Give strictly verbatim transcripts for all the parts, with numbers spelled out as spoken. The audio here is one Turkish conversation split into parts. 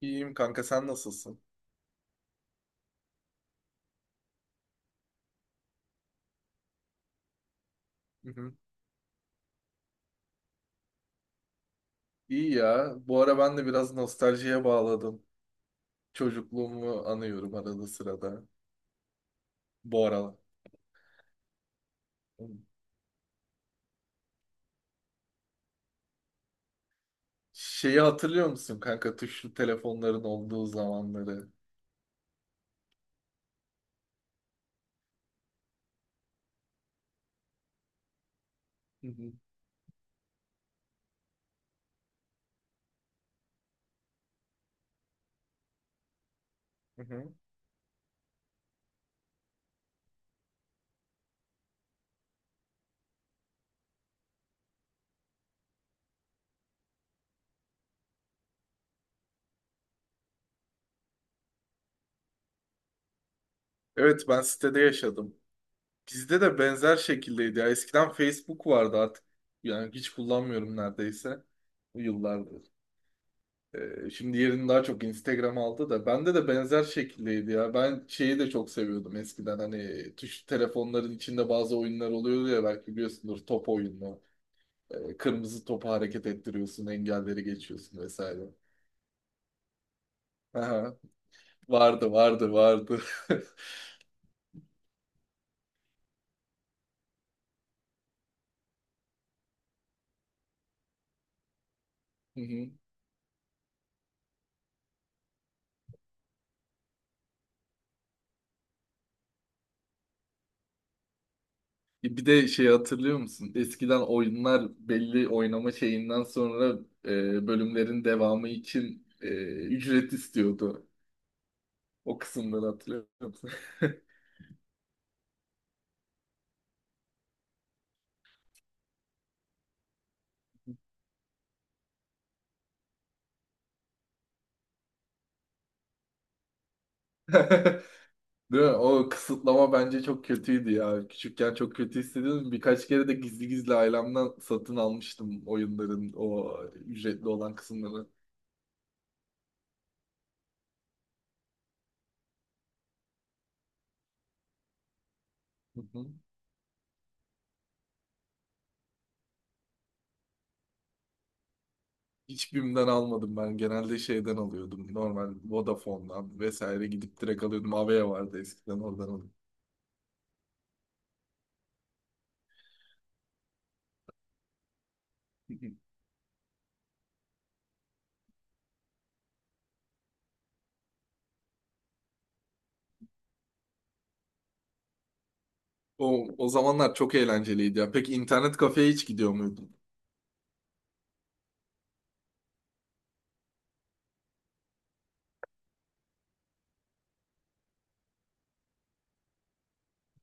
İyiyim kanka, sen nasılsın? Hı hı. İyi ya. Bu ara ben de biraz nostaljiye bağladım. Çocukluğumu anıyorum arada sırada. Bu aralar. Şeyi hatırlıyor musun kanka, tuşlu telefonların olduğu zamanları? Hı hı. Hı hı. Evet, ben sitede yaşadım. Bizde de benzer şekildeydi ya. Eskiden Facebook vardı artık. Yani hiç kullanmıyorum neredeyse. Bu yıllarda. Ee, Şimdi yerini daha çok Instagram aldı da bende de benzer şekildeydi ya. Ben şeyi de çok seviyordum eskiden, hani tuş telefonların içinde bazı oyunlar oluyordu ya, belki biliyorsundur, top oyunu. Ee, Kırmızı topu hareket ettiriyorsun, engelleri geçiyorsun vesaire. Aha, vardı vardı vardı. Hı hı. E, Bir de şey hatırlıyor musun? Eskiden oyunlar belli oynama şeyinden sonra e, bölümlerin devamı için e, ücret istiyordu. O kısımları hatırlıyor musun? Değil mi? O kısıtlama bence çok kötüydü ya. Küçükken çok kötü hissediyordum. Birkaç kere de gizli gizli ailemden satın almıştım oyunların o ücretli olan kısımları. Hı hı. Hiç BİM'den almadım ben. Genelde şeyden alıyordum. Normal Vodafone'dan vesaire gidip direkt alıyordum. Avea vardı eskiden, oradan alıyordum. Hı hı. O, o zamanlar çok eğlenceliydi ya. Peki internet kafeye hiç gidiyor muydun?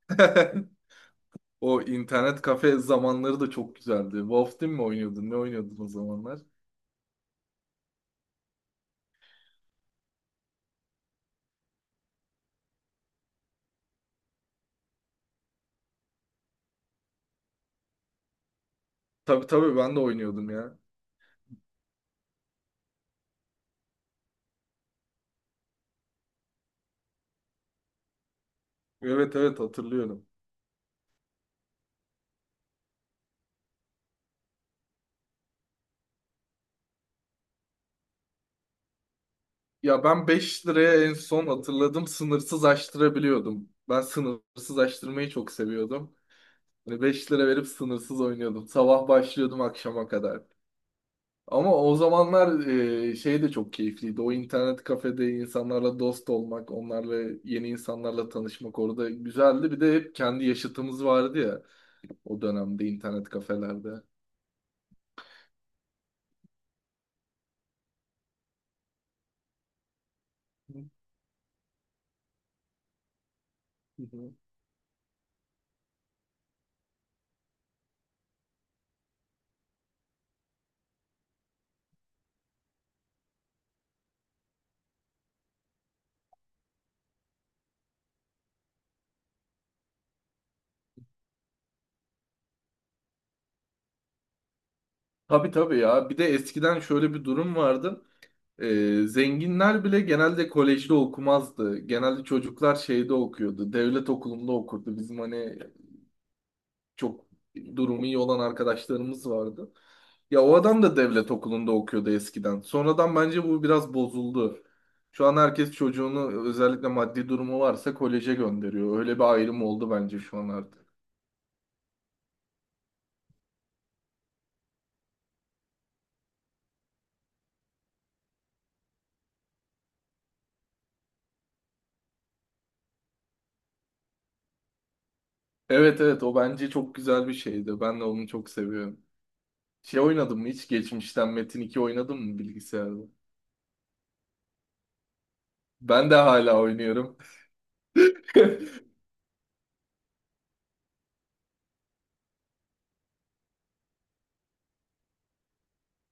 O internet kafe zamanları da çok güzeldi. Wolf Team mi oynuyordun? Ne oynuyordun o zamanlar? Tabii tabii, ben de oynuyordum ya. Evet evet, hatırlıyorum. Ya, ben beş liraya en son hatırladım, sınırsız açtırabiliyordum. Ben sınırsız açtırmayı çok seviyordum. Hani beş lira verip sınırsız oynuyordum. Sabah başlıyordum akşama kadar. Ama o zamanlar e, şey de çok keyifliydi. O internet kafede insanlarla dost olmak, onlarla, yeni insanlarla tanışmak orada güzeldi. Bir de hep kendi yaşıtımız vardı ya, o dönemde internet kafelerde. Hı hı. Tabii tabii ya. Bir de eskiden şöyle bir durum vardı. Ee, zenginler bile genelde kolejde okumazdı. Genelde çocuklar şeyde okuyordu. Devlet okulunda okurdu. Bizim hani çok durumu iyi olan arkadaşlarımız vardı. Ya, o adam da devlet okulunda okuyordu eskiden. Sonradan bence bu biraz bozuldu. Şu an herkes çocuğunu, özellikle maddi durumu varsa, koleje gönderiyor. Öyle bir ayrım oldu bence şu an artık. Evet evet, o bence çok güzel bir şeydi. Ben de onu çok seviyorum. Şey oynadın mı hiç? Geçmişten Metin iki oynadın mı bilgisayarda? Ben de hala oynuyorum.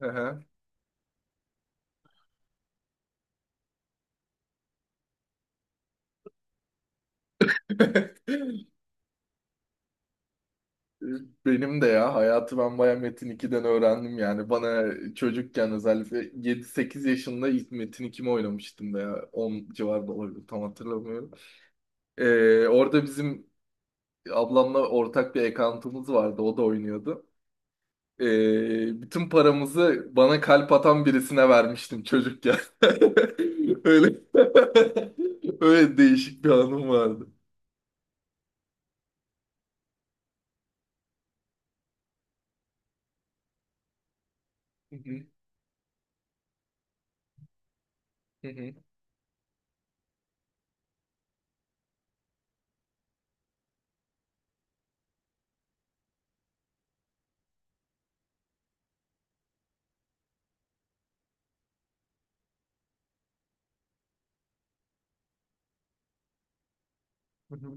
Aha. Benim de ya, hayatı ben baya Metin ikiden öğrendim yani. Bana çocukken, özellikle yedi sekiz yaşında ilk Metin iki oynamıştım da ya. on civarında olabilir, tam hatırlamıyorum. Ee, orada bizim ablamla ortak bir account'umuz vardı, o da oynuyordu. Ee, bütün paramızı bana kalp atan birisine vermiştim çocukken. Öyle öyle değişik bir anım vardı. Hı hı, hı hı, hı hı.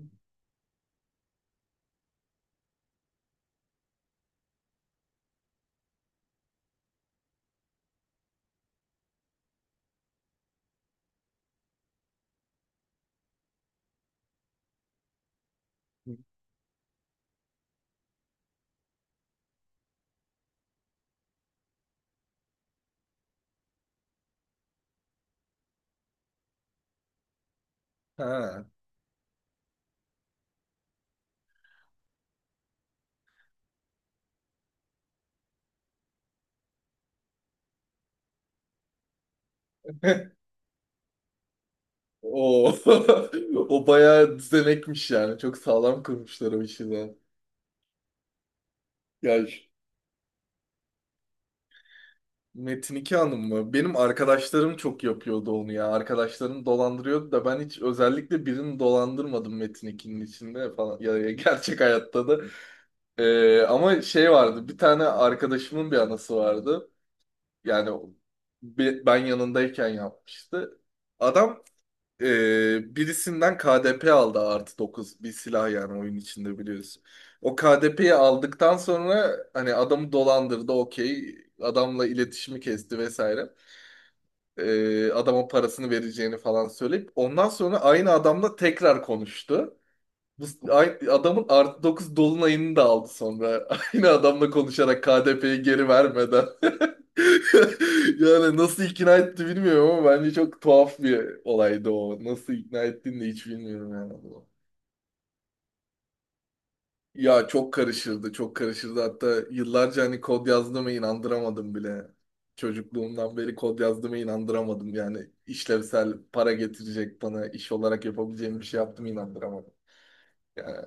Ha. O o bayağı düzenekmiş yani. Çok sağlam kurmuşlar o işi de. Ya şu- Metin iki Hanım mı? Benim arkadaşlarım çok yapıyordu onu ya. Arkadaşlarım dolandırıyordu da ben hiç özellikle birini dolandırmadım Metin ikinin içinde falan. Ya, ya gerçek hayatta da. Ee, ama şey vardı. Bir tane arkadaşımın bir anası vardı. Yani be- ben yanındayken yapmıştı. Adam e, birisinden K D P aldı, artı dokuz bir silah, yani oyun içinde biliyorsun. O K D P'yi aldıktan sonra hani adamı dolandırdı, okey, adamla iletişimi kesti vesaire. E, adama parasını vereceğini falan söyleyip ondan sonra aynı adamla tekrar konuştu. Bu aynı adamın artı dokuz dolunayını da aldı sonra. Aynı adamla konuşarak, K D P'yi geri vermeden. Yani nasıl ikna etti bilmiyorum ama bence çok tuhaf bir olaydı o. Nasıl ikna ettiğini de hiç bilmiyorum yani. Ya çok karışırdı, çok karışırdı. Hatta yıllarca hani kod yazdığıma inandıramadım bile. Çocukluğumdan beri kod yazdığıma inandıramadım. Yani işlevsel, para getirecek, bana iş olarak yapabileceğim bir şey yaptım, inandıramadım. Yani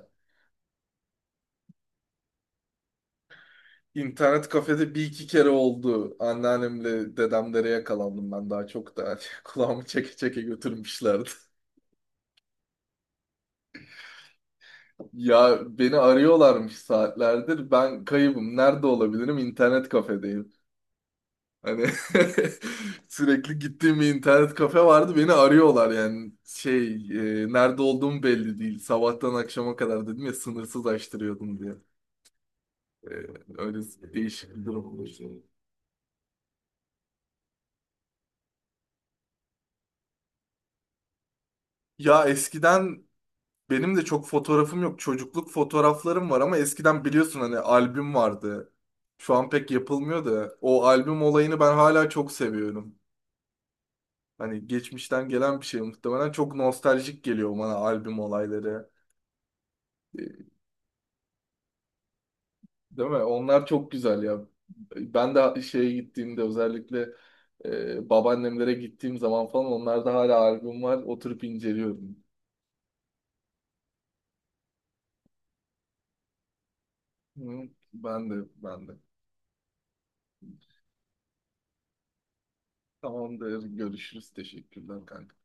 internet kafede bir iki kere oldu. Anneannemle dedemlere yakalandım ben daha çok da. Kulağımı çeke çeke götürmüşlerdi. Ya, beni arıyorlarmış saatlerdir. Ben kaybım. Nerede olabilirim? İnternet kafedeyim. Hani sürekli gittiğim bir internet kafe vardı. Beni arıyorlar yani. Şey, e, nerede olduğum belli değil. Sabahtan akşama kadar, dedim ya, sınırsız açtırıyordum diye. E, Öyle değişik bir durum olmuş. Ya eskiden benim de çok fotoğrafım yok. Çocukluk fotoğraflarım var ama eskiden biliyorsun hani albüm vardı. Şu an pek yapılmıyor da o albüm olayını ben hala çok seviyorum. Hani geçmişten gelen bir şey, muhtemelen çok nostaljik geliyor bana albüm olayları. E, Değil mi? Onlar çok güzel ya. Ben de şeye gittiğimde, özellikle e, babaannemlere gittiğim zaman falan, onlarda hala albüm var. Oturup inceliyorum. Hı. Ben de ben de. Tamamdır. Görüşürüz. Teşekkürler kanka.